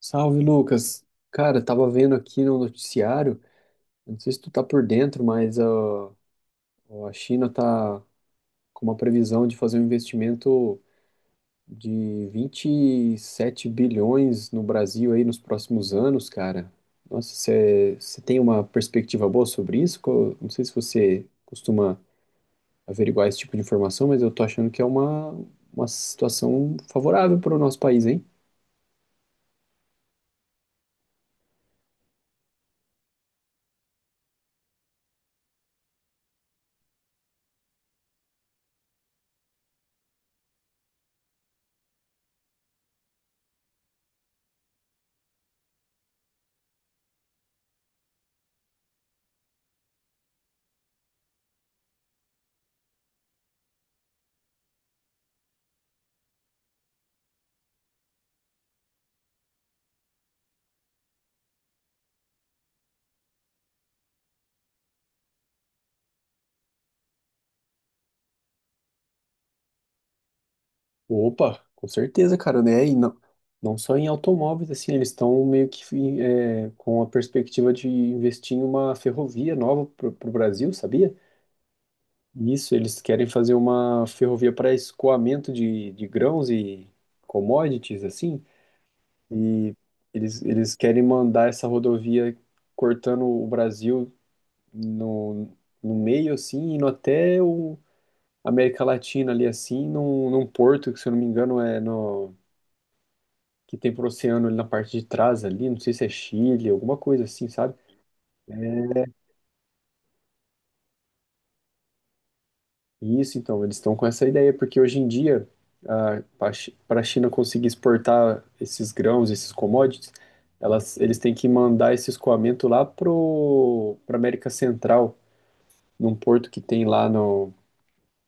Salve, Lucas. Cara, tava vendo aqui no noticiário, eu não sei se tu tá por dentro, mas ó, a China tá com uma previsão de fazer um investimento de 27 bilhões no Brasil aí nos próximos anos, cara. Nossa, você tem uma perspectiva boa sobre isso? Não sei se você costuma averiguar esse tipo de informação, mas eu tô achando que é uma situação favorável para o nosso país, hein? Opa, com certeza, cara, né? E não, não só em automóveis, assim, eles estão meio que com a perspectiva de investir em uma ferrovia nova para o Brasil, sabia? Isso, eles querem fazer uma ferrovia para escoamento de grãos e commodities, assim, e eles querem mandar essa rodovia cortando o Brasil no, no meio, assim, indo até o América Latina ali, assim, num porto que, se eu não me engano, é no que tem pro oceano ali na parte de trás ali, não sei se é Chile, alguma coisa assim, sabe? E isso, então, eles estão com essa ideia, porque hoje em dia, para a China conseguir exportar esses grãos, esses commodities, eles têm que mandar esse escoamento lá pra América Central, num porto que tem lá no,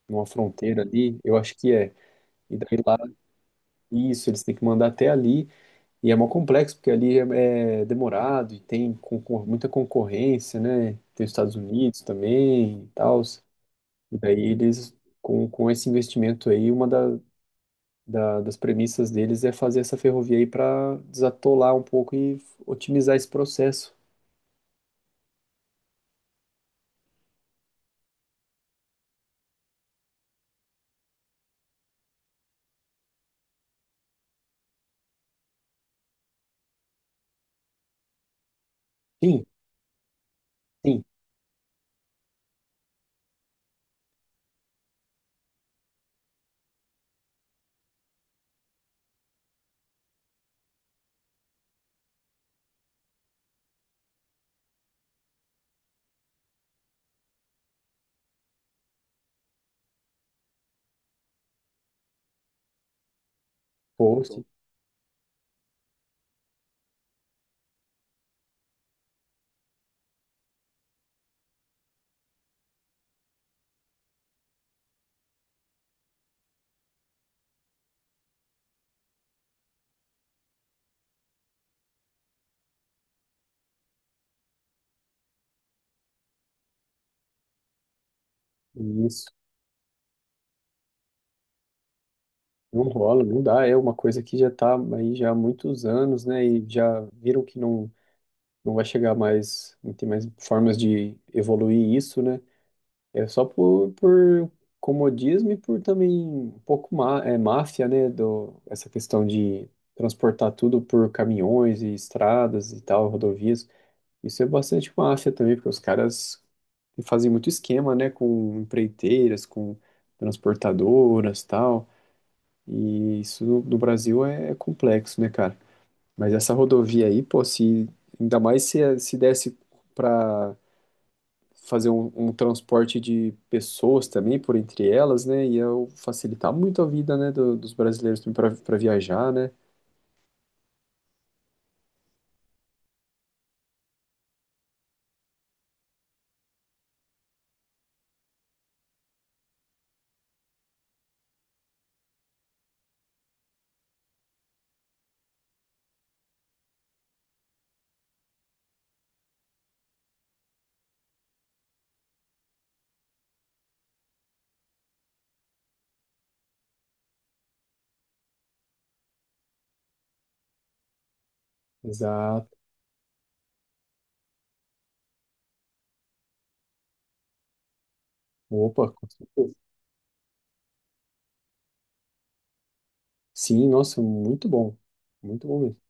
numa fronteira ali, eu acho que é. E daí, isso, eles têm que mandar até ali. E é mó complexo, porque ali é demorado e tem muita concorrência, né? Tem os Estados Unidos também e tal. E daí eles, com esse investimento aí, uma das premissas deles é fazer essa ferrovia aí para desatolar um pouco e otimizar esse processo. Sim, sim. Post, isso. Não rola, não dá. É uma coisa que já tá aí já há muitos anos, né? E já viram que não vai chegar mais, não tem mais formas de evoluir isso, né? É só por comodismo e por também um pouco máfia, né? Essa questão de transportar tudo por caminhões e estradas e tal, rodovias. Isso é bastante máfia também, porque os caras fazem muito esquema, né? Com empreiteiras, com transportadoras e tal. E isso no Brasil é complexo, né, cara? Mas essa rodovia aí, pô, se ainda mais se desse para fazer um transporte de pessoas também por entre elas, né? Ia facilitar muito a vida, né, dos brasileiros também para viajar, né? Exato. Opa, com certeza. Sim, nossa, muito bom. Muito bom mesmo.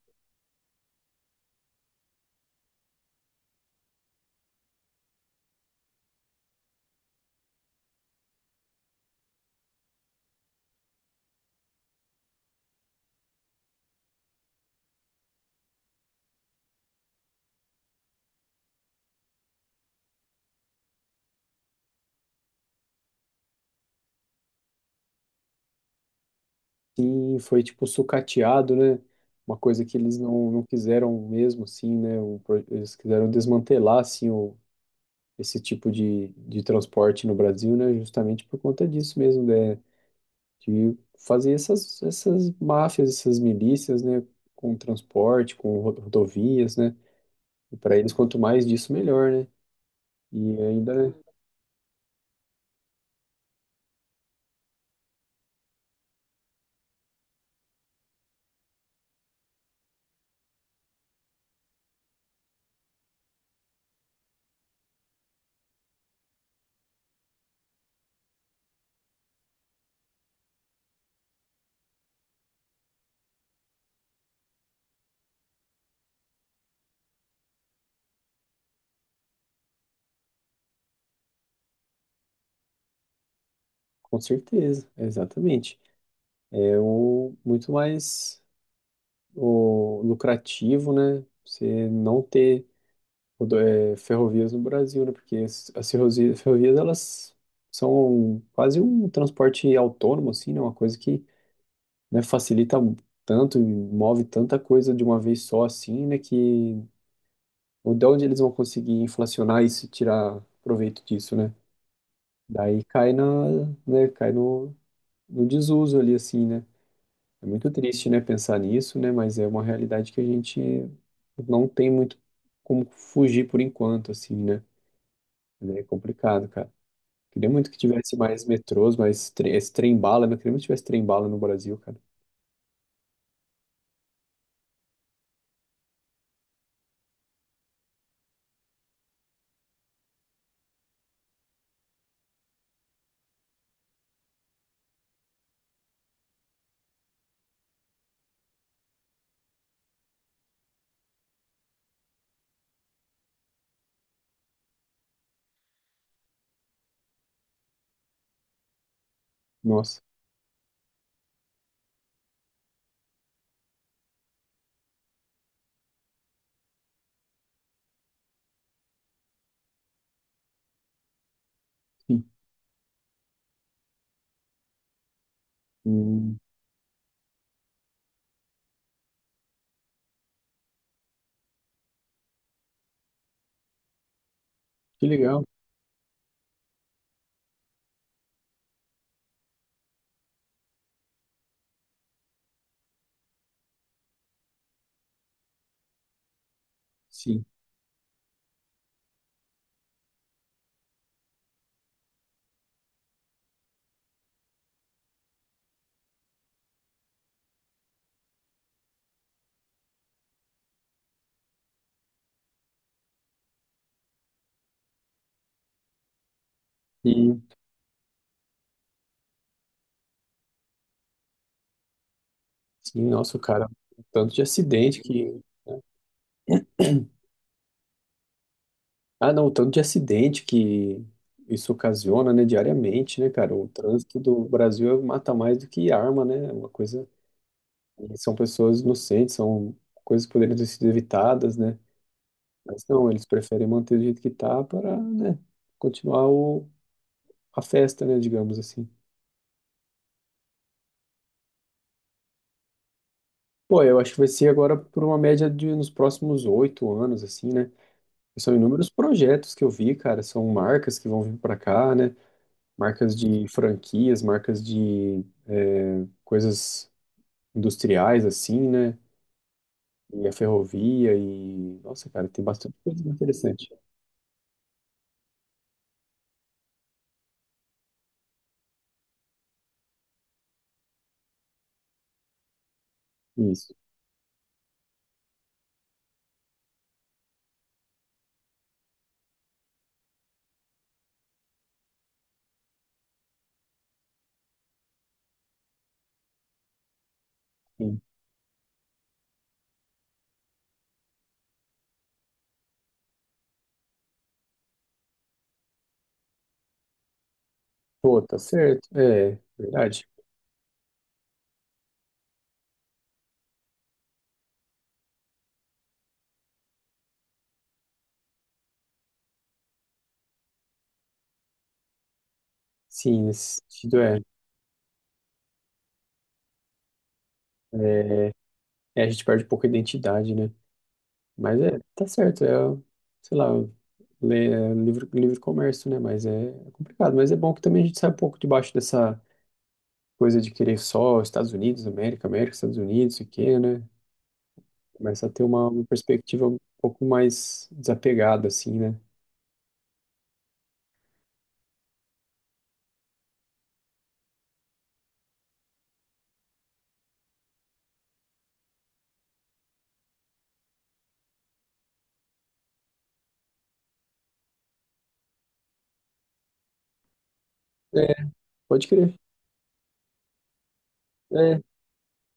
Sim, foi tipo sucateado, né? Uma coisa que eles não quiseram mesmo, assim, né? Eles quiseram desmantelar, assim, esse tipo de transporte no Brasil, né? Justamente por conta disso mesmo, né? Que fazia essas máfias, essas milícias, né, com transporte, com rodovias, né, e para eles quanto mais disso, melhor, né, e ainda, com certeza, exatamente, é o muito mais o lucrativo, né, você não ter ferrovias no Brasil, né, porque as ferrovias, ferrovias, elas são quase um transporte autônomo, assim, né, uma coisa que, né, facilita um tanto, e move tanta coisa de uma vez só assim, né, que ou de onde eles vão conseguir inflacionar isso e tirar proveito disso, né? Daí cai na, né, cai no desuso ali assim, né? É muito triste, né, pensar nisso, né, mas é uma realidade que a gente não tem muito como fugir por enquanto assim, né? É complicado, cara. Queria muito que tivesse mais metrôs, mais tre esse trem-bala, né? Queria muito que tivesse trem-bala no Brasil, cara. Nossa. Sim. Hum, que legal. Sim. E, sim, nossa, cara, o tanto de acidente que. Né? Ah, não, o tanto de acidente que isso ocasiona, né, diariamente, né, cara? O trânsito do Brasil mata mais do que arma, né? É uma coisa. E são pessoas inocentes, são coisas que poderiam ter sido evitadas, né? Mas não, eles preferem manter do jeito que tá para, né, continuar a festa, né, digamos assim. Pô, eu acho que vai ser agora por uma média de nos próximos 8 anos, assim, né? São inúmeros projetos que eu vi, cara. São marcas que vão vir para cá, né? Marcas de franquias, marcas de coisas industriais, assim, né? E a ferrovia e... Nossa, cara, tem bastante coisa interessante. Isso. Sim. Pô, tá certo. É, verdade. Sim, nesse sentido é. É, a gente perde pouca identidade, né? Mas é, tá certo, é, sei lá, é livre, livre comércio, né? Mas é complicado. Mas é bom que também a gente sai um pouco debaixo dessa coisa de querer só Estados Unidos, América, América, Estados Unidos, o quê, né? Começa a ter uma perspectiva um pouco mais desapegada, assim, né? É, pode crer. É,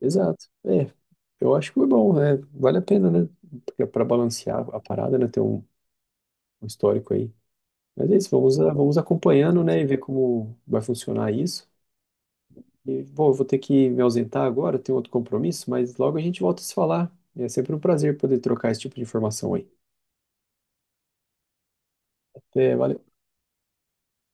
exato. É, eu acho que foi bom, é, vale a pena, né? Porque para balancear a parada, né? Ter um histórico aí. Mas é isso, vamos, vamos acompanhando, né? E ver como vai funcionar isso. E, bom, eu vou ter que me ausentar agora, tenho outro compromisso, mas logo a gente volta a se falar. É sempre um prazer poder trocar esse tipo de informação aí. É, valeu.